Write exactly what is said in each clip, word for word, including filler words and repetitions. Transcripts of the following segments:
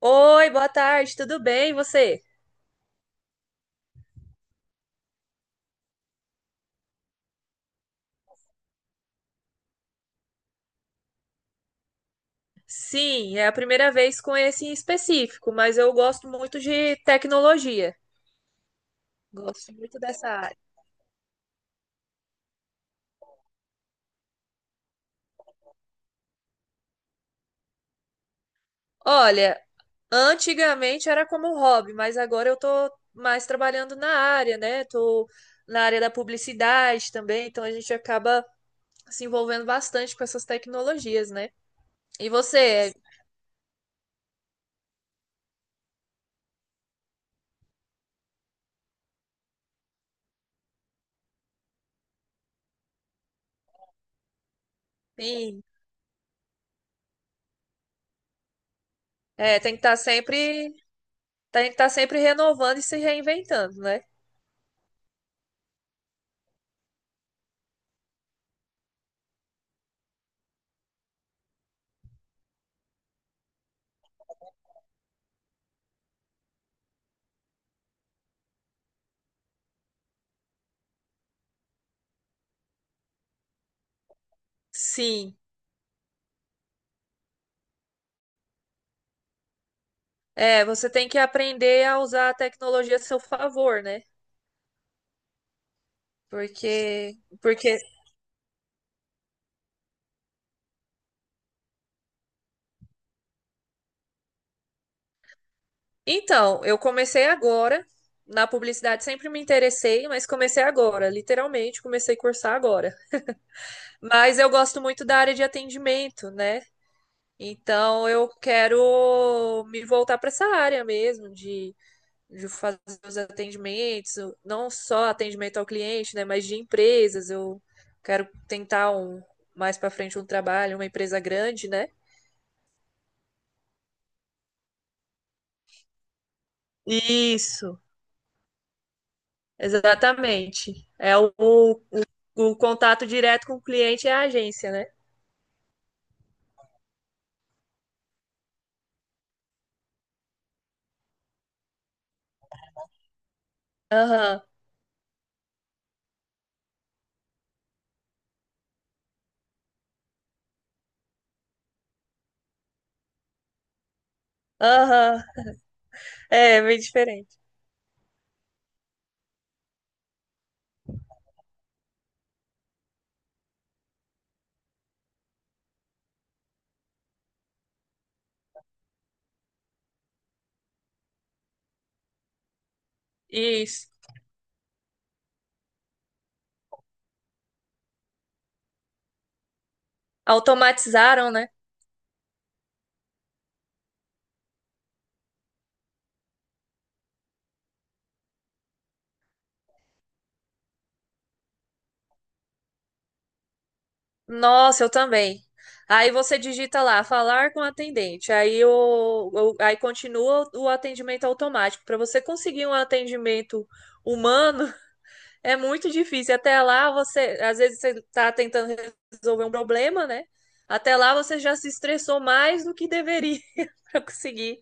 Oi, boa tarde, tudo bem? E você? Sim, é a primeira vez com esse em específico, mas eu gosto muito de tecnologia. Gosto muito dessa área. Olha, antigamente era como hobby, mas agora eu tô mais trabalhando na área, né? Tô na área da publicidade também, então a gente acaba se envolvendo bastante com essas tecnologias, né? E você? Sim, é, tem que estar sempre, tem que estar sempre renovando e se reinventando, né? Sim. É, você tem que aprender a usar a tecnologia a seu favor, né? Porque, porque, então, eu comecei agora na publicidade, sempre me interessei, mas comecei agora, literalmente, comecei a cursar agora. Mas eu gosto muito da área de atendimento, né? Então, eu quero me voltar para essa área mesmo de de fazer os atendimentos, não só atendimento ao cliente, né, mas de empresas. Eu quero tentar um mais para frente um trabalho, uma empresa grande, né? Isso, exatamente. É o, o, o contato direto com o cliente é a agência, né? Aham, aham. É, é bem diferente. Isso. Automatizaram, né? Nossa, eu também. Aí você digita lá, falar com o atendente. Aí, o, o- aí continua o atendimento automático. Para você conseguir um atendimento humano, é muito difícil. Até lá você, às vezes você tá tentando resolver um problema, né? Até lá você já se estressou mais do que deveria para conseguir.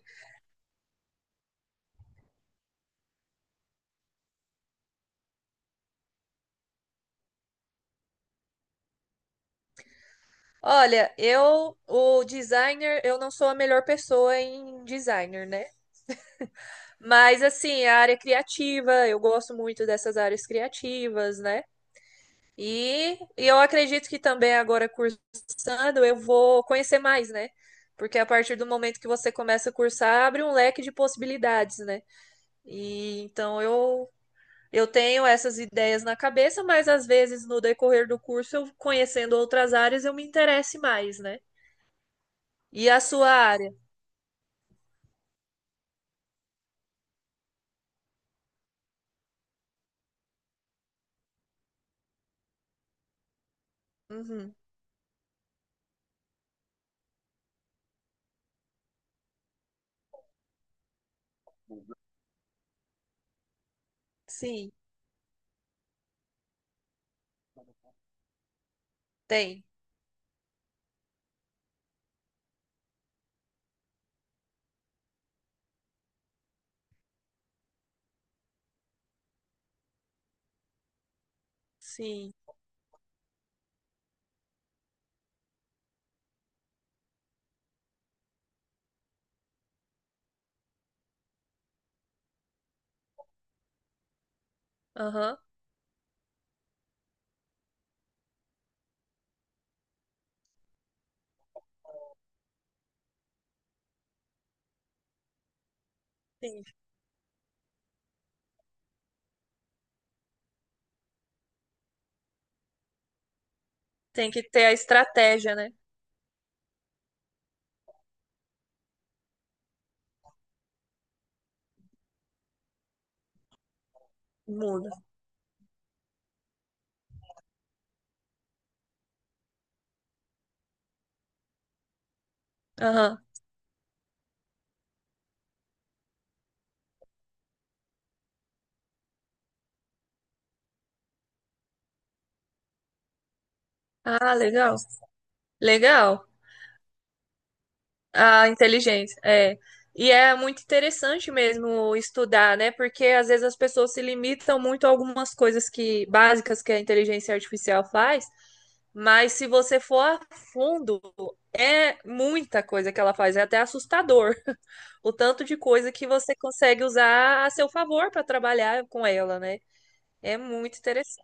Olha, eu, o designer, eu não sou a melhor pessoa em designer, né? Mas assim, a área criativa, eu gosto muito dessas áreas criativas, né? E, e eu acredito que também agora cursando eu vou conhecer mais, né? Porque a partir do momento que você começa a cursar, abre um leque de possibilidades, né? E então eu eu tenho essas ideias na cabeça, mas às vezes no decorrer do curso, eu conhecendo outras áreas, eu me interesse mais, né? E a sua área? Uhum. Sim, tem. Sim. Aham. Sim. Tem que ter a estratégia, né? Muda. Aham. Ah, legal. Legal. A inteligência, é. E é muito interessante mesmo estudar, né? Porque às vezes as pessoas se limitam muito a algumas coisas que básicas que a inteligência artificial faz, mas se você for a fundo, é muita coisa que ela faz, é até assustador o tanto de coisa que você consegue usar a seu favor para trabalhar com ela, né? É muito interessante.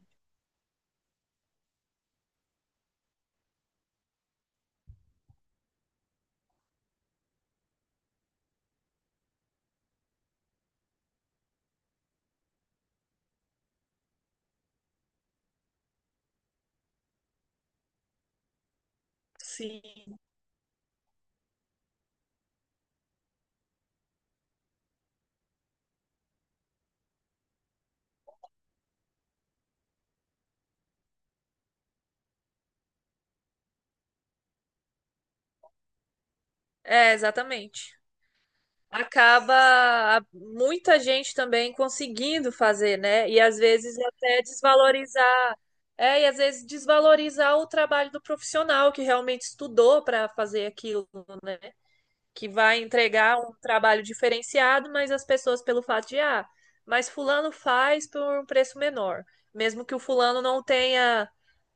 Sim. É, exatamente. Acaba muita gente também conseguindo fazer, né? E às vezes até desvalorizar, é, e às vezes desvalorizar o trabalho do profissional que realmente estudou para fazer aquilo, né? Que vai entregar um trabalho diferenciado, mas as pessoas pelo fato de, ah, mas fulano faz por um preço menor, mesmo que o fulano não tenha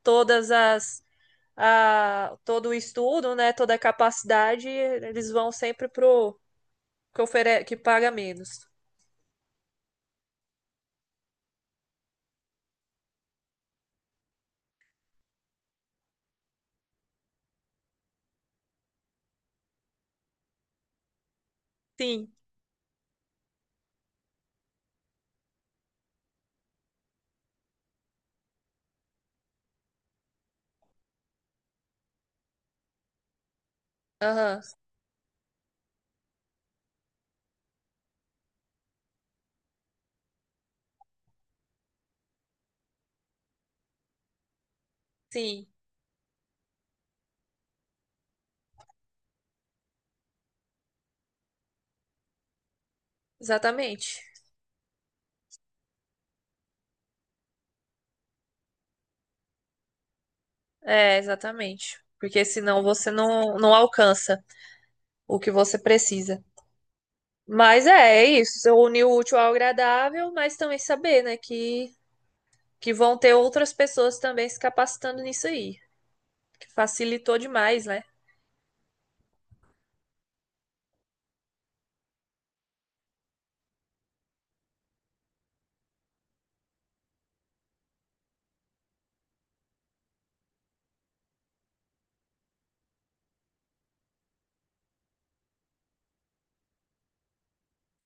todas as a, todo o estudo, né, toda a capacidade, eles vão sempre pro que ofere... que paga menos. Sim. Aham, sim, exatamente. É, exatamente. Porque senão você não, não alcança o que você precisa. Mas é, é isso. Você unir o útil ao agradável, mas também saber, né, que, que vão ter outras pessoas também se capacitando nisso aí. Que facilitou demais, né?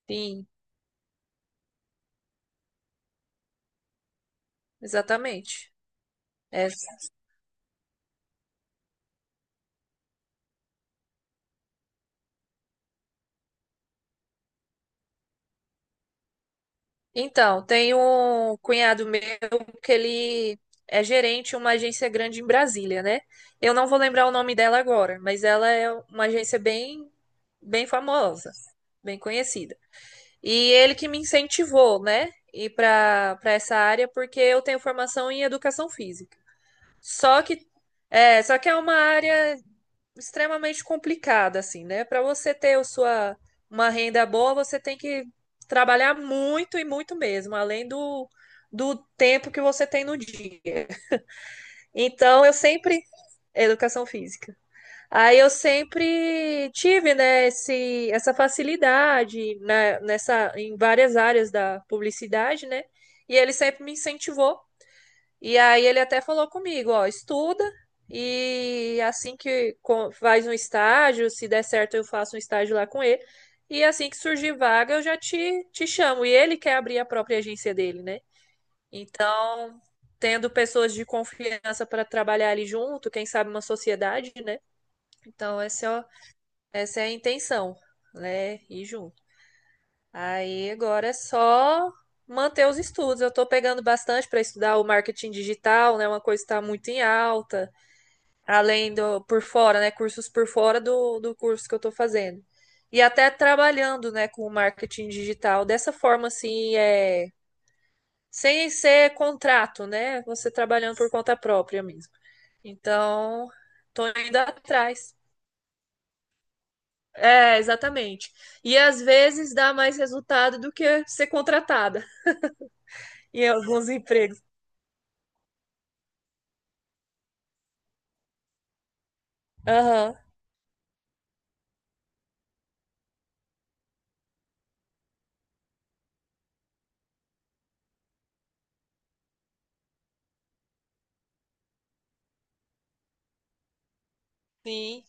Sim, exatamente. É, então, tem um cunhado meu que ele é gerente de uma agência grande em Brasília, né? Eu não vou lembrar o nome dela agora, mas ela é uma agência bem, bem famosa, bem conhecida. E ele que me incentivou, né? Ir para para essa área porque eu tenho formação em educação física. Só que é, só que é uma área extremamente complicada, assim, né? Para você ter a sua, uma renda boa, você tem que trabalhar muito e muito mesmo, além do, do tempo que você tem no dia. Então, eu sempre. Educação física. Aí eu sempre tive, né, esse, essa facilidade né, nessa, em várias áreas da publicidade, né? E ele sempre me incentivou e aí ele até falou comigo, ó, estuda e assim que co- faz um estágio, se der certo eu faço um estágio lá com ele. E assim que surgir vaga eu já te, te chamo. E ele quer abrir a própria agência dele, né? Então, tendo pessoas de confiança para trabalhar ali junto, quem sabe uma sociedade, né? Então, essa é, a- essa é a intenção, né? Ir junto. Aí agora é só manter os estudos. Eu estou pegando bastante para estudar o marketing digital, né? Uma coisa que está muito em alta, além do por fora, né? Cursos por fora do, do curso que eu estou fazendo. E até trabalhando, né, com o marketing digital dessa forma assim, é, sem ser contrato, né? Você trabalhando por conta própria mesmo. Então, estou indo atrás. É, exatamente. E às vezes dá mais resultado do que ser contratada em alguns empregos. Aham. Sim.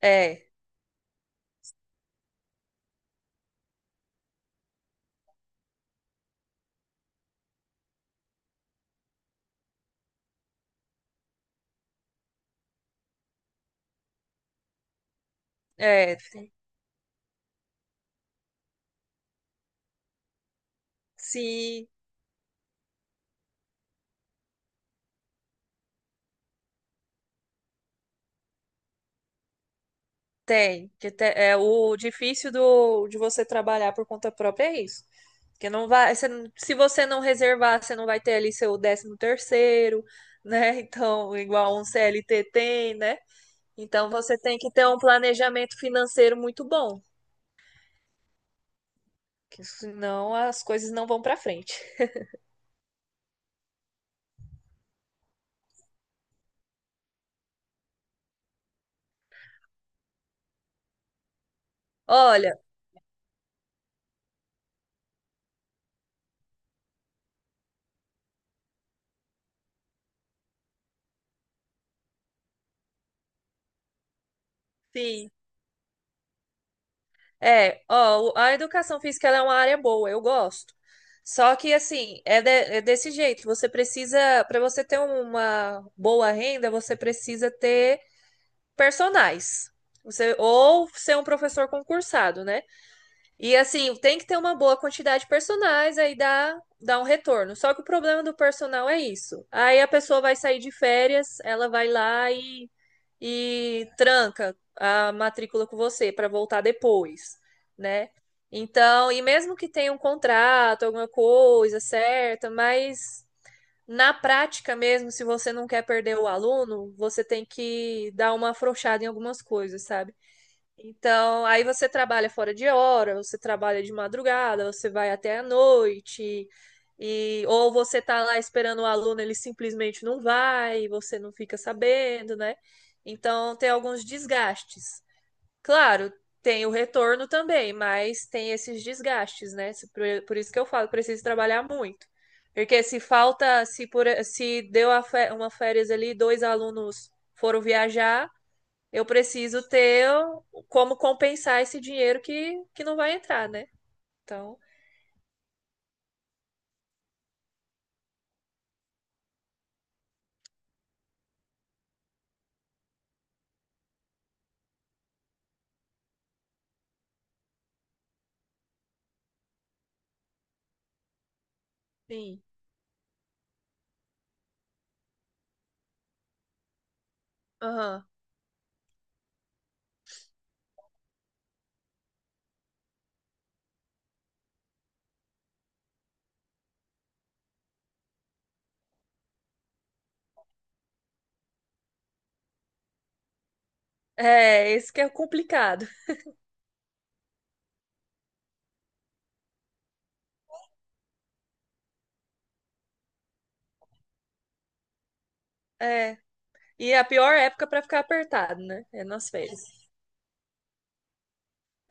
É, é, tem- sim, tem. Que te- é o difícil do, de você trabalhar por conta própria é isso. Porque não vai, você não- se você não reservar, você não vai ter ali seu décimo terceiro, né? Então, igual um C L T tem, né? Então você tem que ter um planejamento financeiro muito bom, que senão as coisas não vão para frente. Olha, sim, é, ó, o- a educação física ela é uma área boa, eu gosto. Só que assim, é, de- é desse jeito, você precisa, para você ter uma boa renda, você precisa ter personais. Você ou ser um professor concursado, né? E assim, tem que ter uma boa quantidade de personais, aí dá dá um retorno. Só que o problema do personal é isso. Aí a pessoa vai sair de férias, ela vai lá e tranca a matrícula com você para voltar depois, né? Então, e mesmo que tenha um contrato, alguma coisa certa, mas na prática mesmo, se você não quer perder o aluno, você tem que dar uma afrouxada em algumas coisas, sabe? Então, aí você trabalha fora de hora, você trabalha de madrugada, você vai até a noite, e ou você tá lá esperando o aluno, ele simplesmente não vai, você não fica sabendo, né? Então, tem alguns desgastes. Claro, tem o retorno também, mas tem esses desgastes, né? Se- Por por isso que eu falo, preciso trabalhar muito. Porque se falta, se, por, se deu a fé- uma férias ali, dois alunos foram viajar eu preciso ter como compensar esse dinheiro que, que não vai entrar, né? Então, sim. Aham. É, esse que é complicado. É. E é a pior época para ficar apertado, né? É nas férias.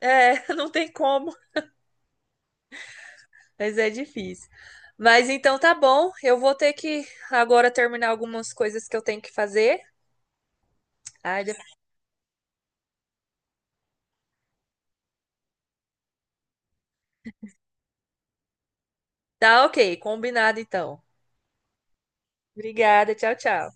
É, não tem como, mas é difícil. Mas então tá bom, eu vou ter que agora terminar algumas coisas que eu tenho que fazer. Ai, de- Tá ok, combinado então. Obrigada, tchau, tchau.